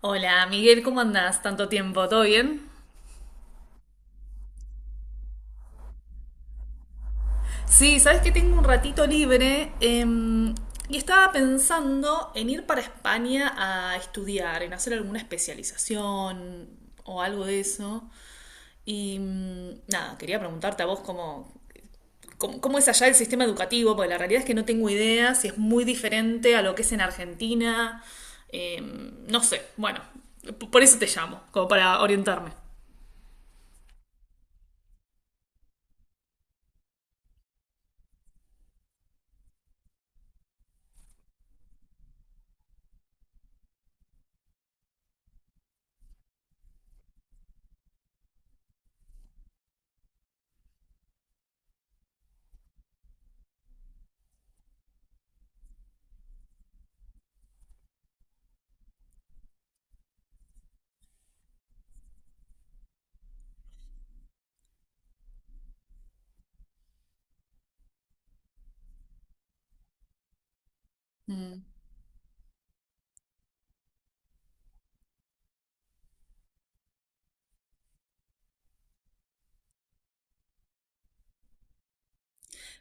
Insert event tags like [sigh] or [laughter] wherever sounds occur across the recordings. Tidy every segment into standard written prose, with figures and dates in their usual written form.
Hola, Miguel, ¿cómo andás? Tanto tiempo, ¿todo bien? Sí, sabes que tengo un ratito libre y estaba pensando en ir para España a estudiar, en hacer alguna especialización o algo de eso. Y nada, quería preguntarte a vos cómo es allá el sistema educativo, porque la realidad es que no tengo idea si es muy diferente a lo que es en Argentina. No sé, bueno, por eso te llamo, como para orientarme.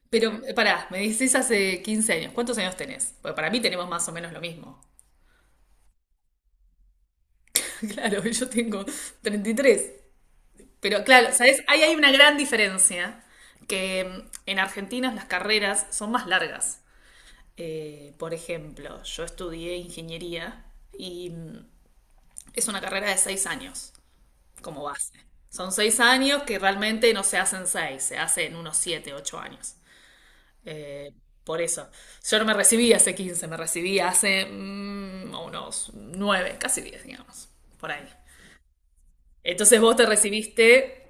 Pero pará, me decís hace 15 años, ¿cuántos años tenés? Porque para mí tenemos más o menos lo mismo. [laughs] Claro, yo tengo 33. Pero claro, ¿sabés? Ahí hay una gran diferencia, que en Argentina las carreras son más largas. Por ejemplo, yo estudié ingeniería y es una carrera de 6 años como base. Son 6 años que realmente no se hacen 6, se hacen unos 7, 8 años. Eh, por eso. Yo no me recibí hace 15, me recibí hace unos 9, casi 10, digamos, por ahí. Entonces vos te recibiste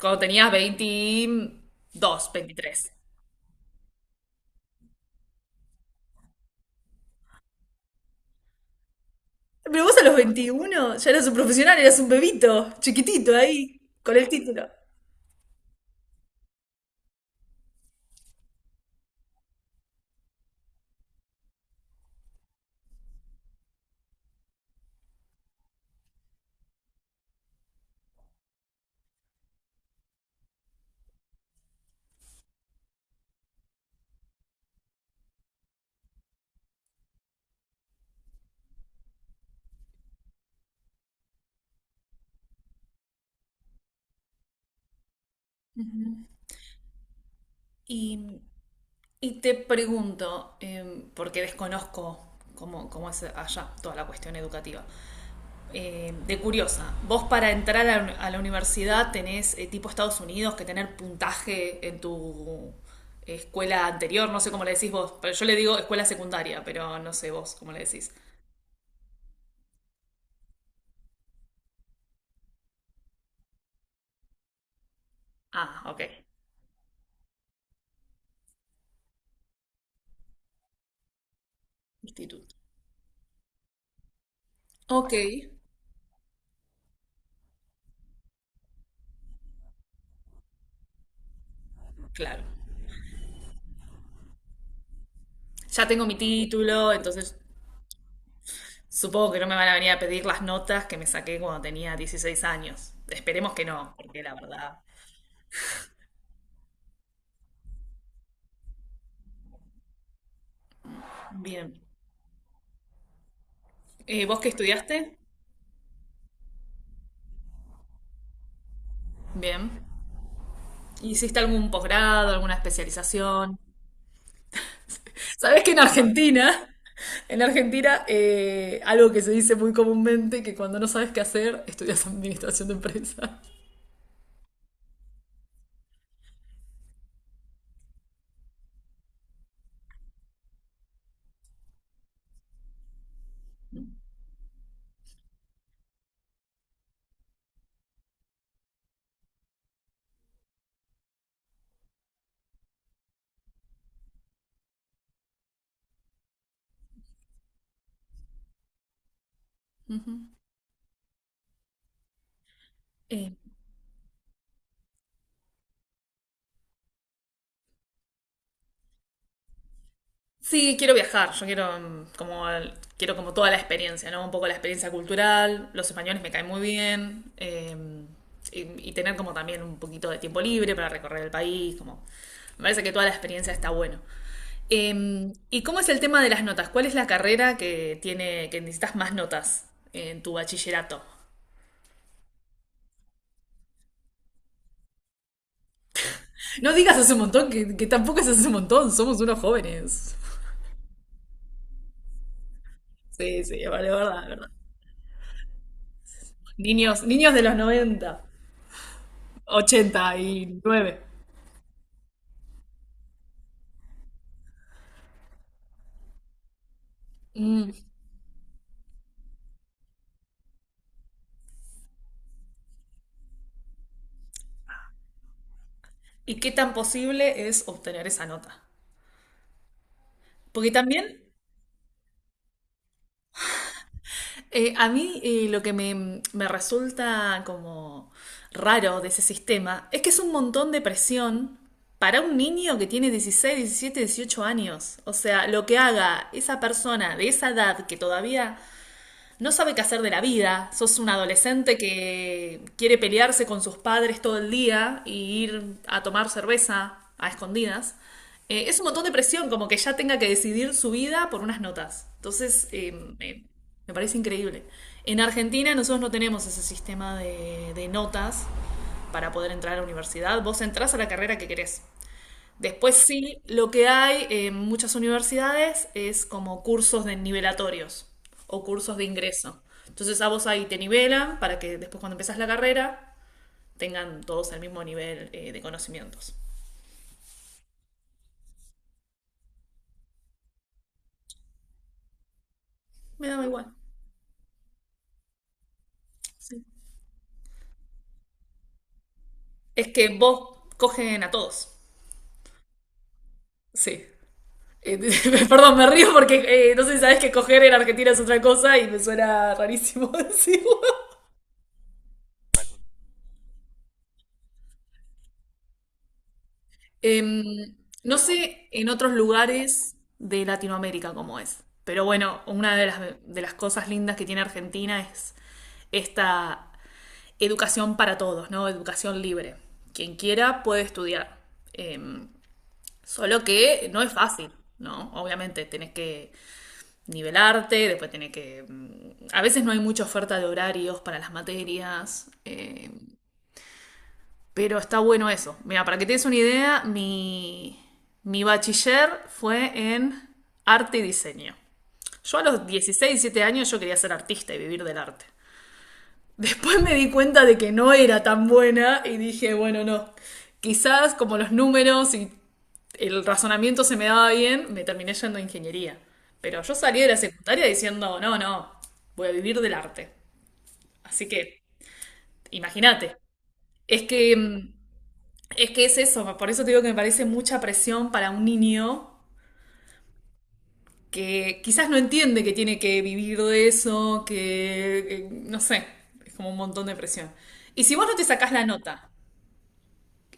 cuando tenías 22, 23. Pero vos a los 21 ya eras un profesional, eras un bebito, chiquitito ahí, con el título. Y, y te pregunto, porque desconozco cómo es allá toda la cuestión educativa. De curiosa, vos para entrar a la universidad tenés tipo Estados Unidos que tener puntaje en tu escuela anterior, no sé cómo le decís vos, pero yo le digo escuela secundaria, pero no sé vos cómo le decís. Ah, ok, instituto. Ok, claro. Ya tengo mi título, entonces supongo que no me van a venir a pedir las notas que me saqué cuando tenía 16 años. Esperemos que no, porque la verdad. Bien. ¿Vos qué estudiaste? Bien. ¿Hiciste algún posgrado, alguna especialización? Sabes que en Argentina, [laughs] en Argentina, algo que se dice muy comúnmente, que cuando no sabes qué hacer, estudias administración de empresas. Ujú. Eh, sí, quiero viajar, yo quiero como, quiero como toda la experiencia, ¿no? Un poco la experiencia cultural, los españoles me caen muy bien, y tener como también un poquito de tiempo libre para recorrer el país, como, me parece que toda la experiencia está bueno. ¿Y cómo es el tema de las notas? ¿Cuál es la carrera que tiene, que necesitas más notas en tu bachillerato? No digas hace un montón, que tampoco es hace un montón, somos unos jóvenes. Sí, sí, vale, es verdad, es verdad. Niños, niños de los 90, 89. Mm. ¿Y qué tan posible es obtener esa nota? Porque también A mí lo que me resulta como raro de ese sistema es que es un montón de presión para un niño que tiene 16, 17, 18 años. O sea, lo que haga esa persona de esa edad que todavía no sabe qué hacer de la vida. Sos un adolescente que quiere pelearse con sus padres todo el día y ir a tomar cerveza a escondidas. Es un montón de presión, como que ya tenga que decidir su vida por unas notas. Entonces, me, me parece increíble. En Argentina nosotros no tenemos ese sistema de notas para poder entrar a la universidad. Vos entrás a la carrera que querés. Después sí, lo que hay en muchas universidades es como cursos de nivelatorios o cursos de ingreso. Entonces a vos ahí te nivelan para que después cuando empezás la carrera tengan todos el mismo nivel de conocimientos. Me da igual, sí. Es que vos cogen a todos. Sí. Eh, [laughs] Perdón, me río porque no sé si sabés que coger en Argentina es otra cosa y me suena rarísimo [laughs] decirlo. Em, no sé en otros lugares de Latinoamérica cómo es, pero bueno, una de las cosas lindas que tiene Argentina es esta educación para todos, ¿no? Educación libre. Quien quiera puede estudiar. Em, solo que no es fácil, ¿no? Obviamente tenés que nivelarte, después tenés que a veces no hay mucha oferta de horarios para las materias. Pero está bueno eso. Mira, para que te des una idea, mi bachiller fue en arte y diseño. Yo a los 16 17 años yo quería ser artista y vivir del arte. Después me di cuenta de que no era tan buena y dije, bueno, no. Quizás como los números y el razonamiento se me daba bien, me terminé yendo a ingeniería. Pero yo salí de la secundaria diciendo, no, no, voy a vivir del arte. Así que imagínate. Es que mm, Es que es eso, por eso te digo que me parece mucha presión para un niño que quizás no entiende que tiene que vivir de eso, que no sé, es como un montón de presión. Y si vos no te sacás la nota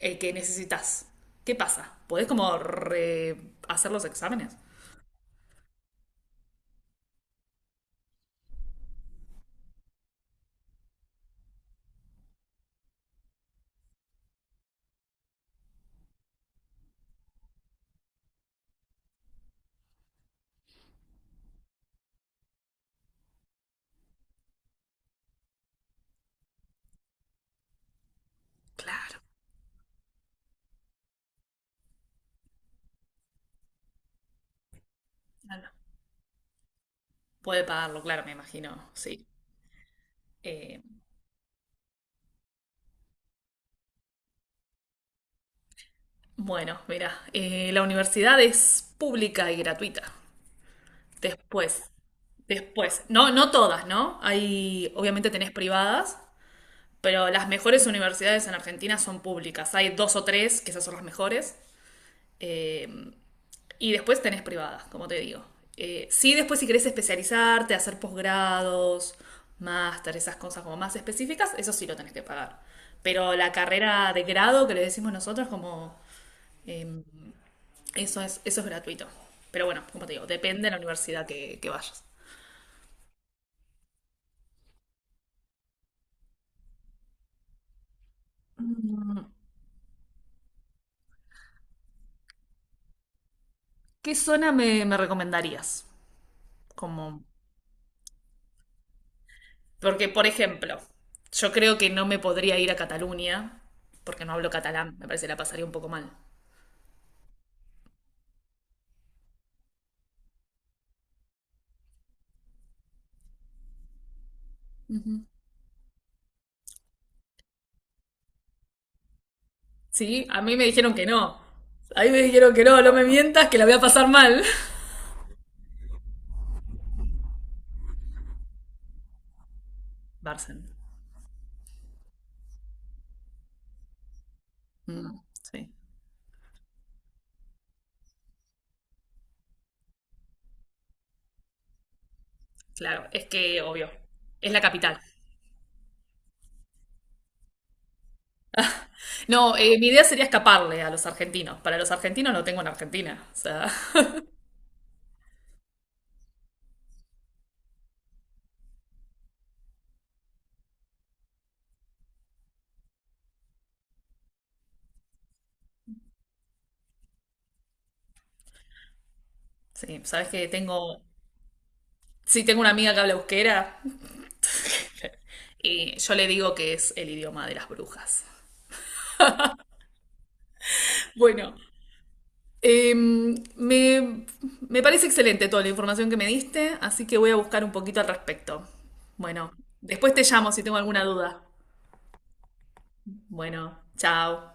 que necesitas, ¿qué pasa? ¿Podés como hacer los exámenes? Claro, claro. Puede pagarlo, claro, me imagino, sí. Eh, bueno, mira, la universidad es pública y gratuita. Después, después. No, no todas, ¿no? Hay, obviamente tenés privadas, pero las mejores universidades en Argentina son públicas. Hay dos o tres, que esas son las mejores. eh, y después tenés privadas, como te digo. Sí, después si querés especializarte, hacer posgrados, máster, esas cosas como más específicas, eso sí lo tenés que pagar. Pero la carrera de grado que le decimos nosotros, como eh, eso es gratuito. Pero bueno, como te digo, depende de la universidad que vayas. ¿Qué zona me recomendarías? Como, porque, por ejemplo, yo creo que no me podría ir a Cataluña, porque no hablo catalán, me parece que la pasaría un poco mal. Sí, a mí me dijeron que no. A mí me dijeron que no, no me mientas, que la voy a pasar mal. [laughs] Barcen. Mm, sí, claro, es que obvio, es la capital. No, mi idea sería escaparle a los argentinos. Para los argentinos no tengo en Argentina. O sea, [laughs] sí, sabes que tengo, sí tengo una amiga que habla euskera. Yo le digo que es el idioma de las brujas. Bueno, eh, me, me parece excelente toda la información que me diste, así que voy a buscar un poquito al respecto. Bueno, después te llamo si tengo alguna duda. Bueno, chao.